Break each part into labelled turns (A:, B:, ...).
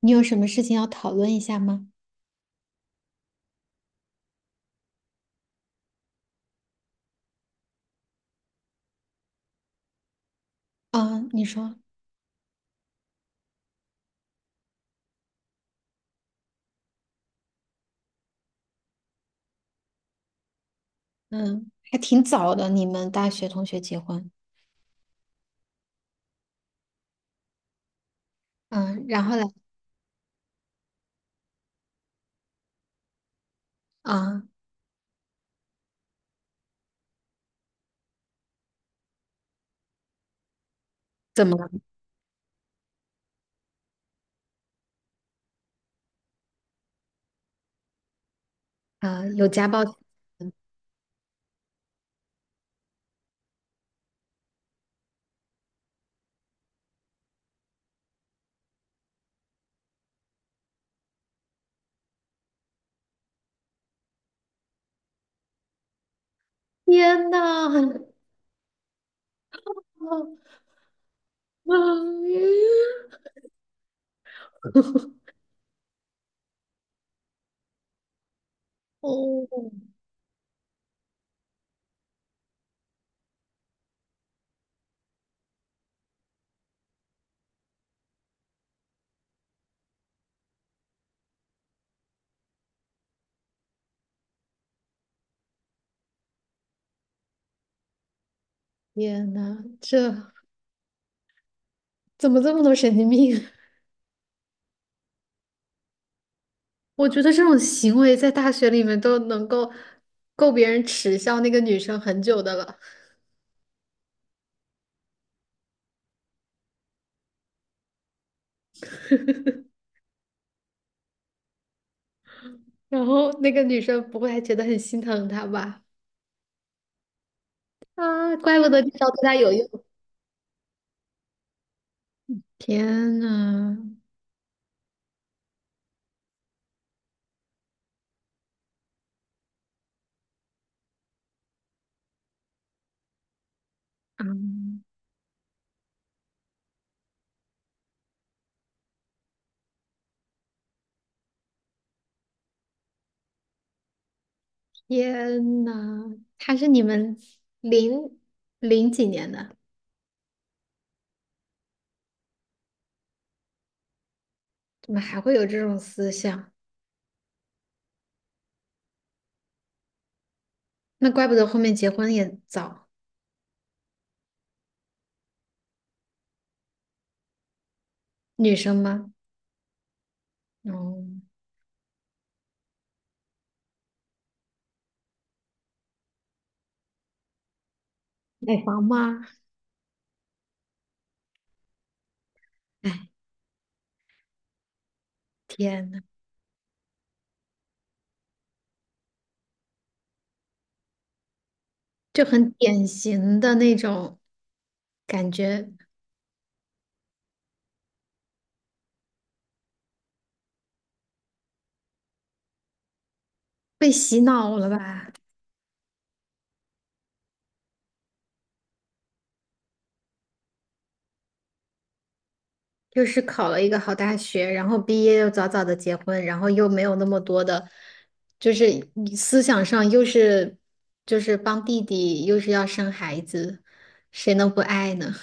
A: 你有什么事情要讨论一下吗？啊，你说。嗯，还挺早的，你们大学同学结婚。嗯，然后嘞？啊，怎么了？啊，有家暴？天呐，很哦。哦，天呐，这怎么这么多神经病啊？我觉得这种行为在大学里面都能够够别人耻笑那个女生很久的了。然后那个女生不会还觉得很心疼她吧？啊，怪不得这招对她有用。天呐，啊天呐，他是你们零零几年的？怎么还会有这种思想？那怪不得后面结婚也早。女生吗？哦，买房吗？哎，天呐，就很典型的那种感觉，被洗脑了吧？又是考了一个好大学，然后毕业又早早的结婚，然后又没有那么多的，就是思想上又是就是帮弟弟，又是要生孩子，谁能不爱呢？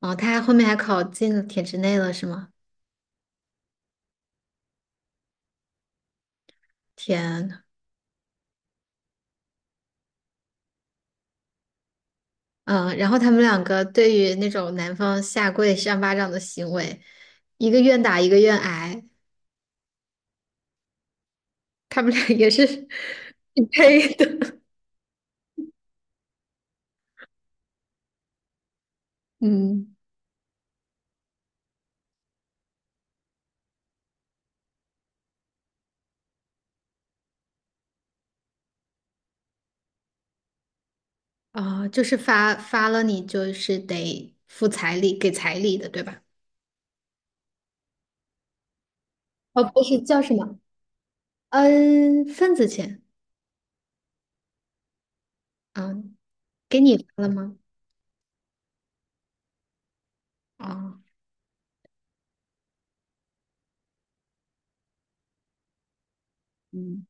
A: 哦，他还后面还考进了体制内了，是吗？天。嗯，然后他们两个对于那种男方下跪扇巴掌的行为，一个愿打一个愿挨，他们俩也是 匹配的。嗯。啊、就是发发了你就是得付彩礼，给彩礼的，对吧？哦，不是叫什么？嗯，份子钱。啊、给你发了吗？啊、嗯，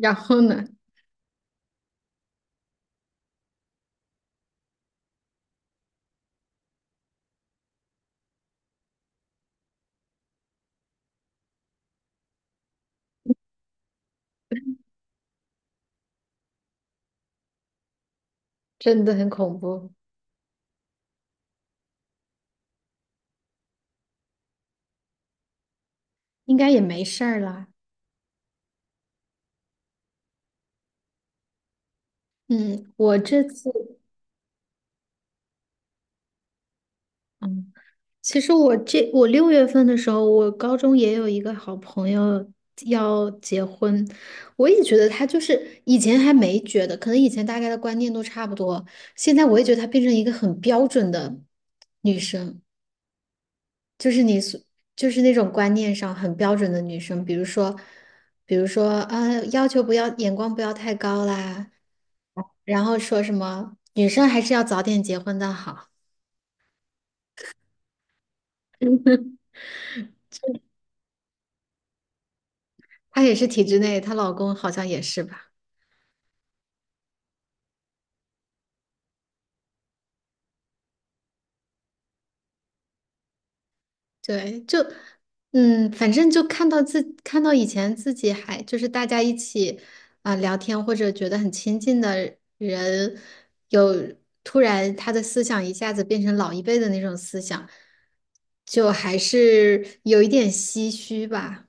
A: 然后呢？真的很恐怖。应该也没事儿啦。嗯，我这次。嗯。其实我这我六月份的时候，我高中也有一个好朋友要结婚。我也觉得她就是以前还没觉得，可能以前大概的观念都差不多，现在我也觉得她变成一个很标准的女生，就是你所就是那种观念上很标准的女生。比如说，比如说啊，要求不要眼光不要太高啦，然后说什么女生还是要早点结婚的好。她也是体制内，她老公好像也是吧。对，就嗯，反正就看到自看到以前自己还就是大家一起啊、聊天或者觉得很亲近的人，有突然他的思想一下子变成老一辈的那种思想，就还是有一点唏嘘吧。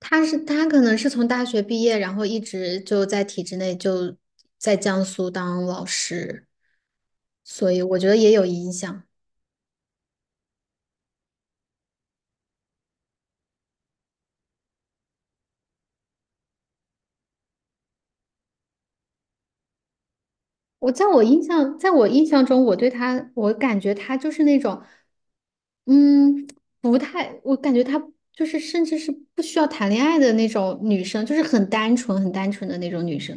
A: 他是他可能是从大学毕业，然后一直就在体制内就在江苏当老师，所以我觉得也有影响。我在我印象，在我印象中，我对他，我感觉他就是那种，嗯，不太，我感觉他就是甚至是不需要谈恋爱的那种女生，就是很单纯、很单纯的那种女生。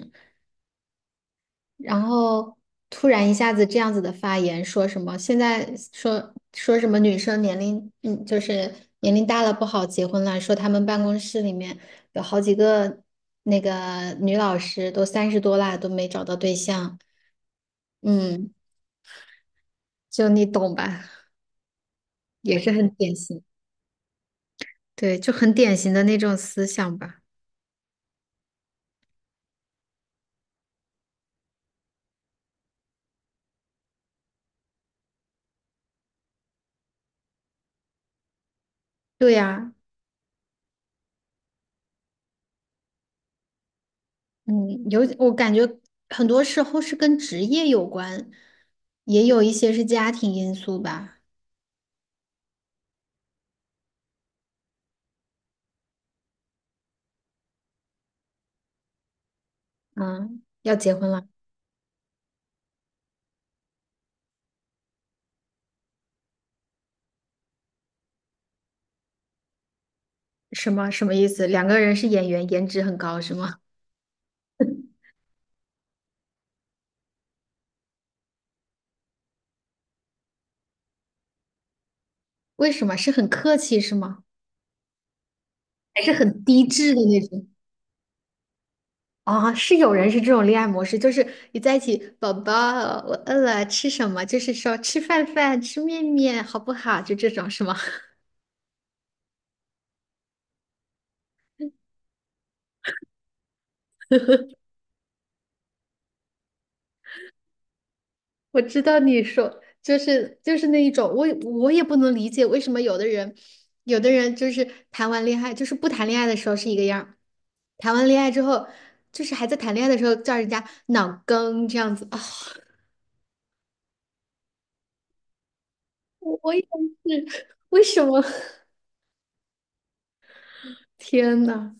A: 然后突然一下子这样子的发言，说什么现在说说什么女生年龄，就是年龄大了不好结婚了，说他们办公室里面有好几个那个女老师都三十多啦，都没找到对象。嗯。就你懂吧，也是很典型。对，就很典型的那种思想吧。对呀。嗯，有，我感觉很多时候是跟职业有关，也有一些是家庭因素吧。嗯，要结婚了。什么什么意思？两个人是演员，颜值很高是吗？为什么？是很客气是吗？还是很低质的那种？啊，是有人是这种恋爱模式，就是你在一起，宝宝，我饿了，吃什么？就是说吃饭饭，吃面面，好不好？就这种是吗？我知道你说就是就是那一种，我也我也不能理解为什么有的人，有的人就是谈完恋爱，就是不谈恋爱的时候是一个样儿谈完恋爱之后，就是还在谈恋爱的时候叫人家脑梗这样子啊。我我也是，为什么？天呐，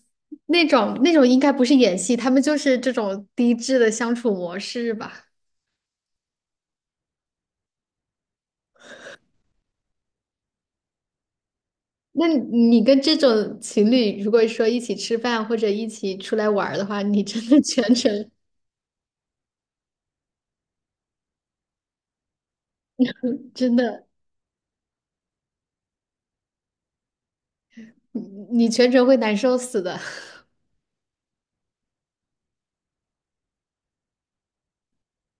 A: 那种那种应该不是演戏，他们就是这种低质的相处模式吧？那你跟这种情侣，如果说一起吃饭或者一起出来玩儿的话，你真的全程真的，你你全程会难受死的。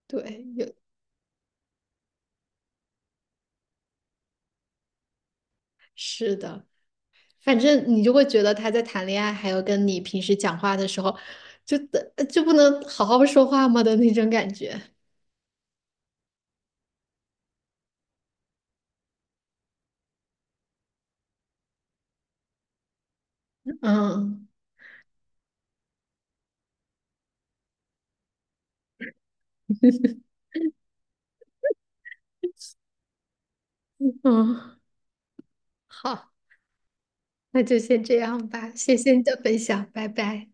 A: 对，有。是的，反正你就会觉得他在谈恋爱，还有跟你平时讲话的时候，就的就不能好好说话吗的那种感觉。嗯嗯，好，那就先这样吧，谢谢你的分享，拜拜。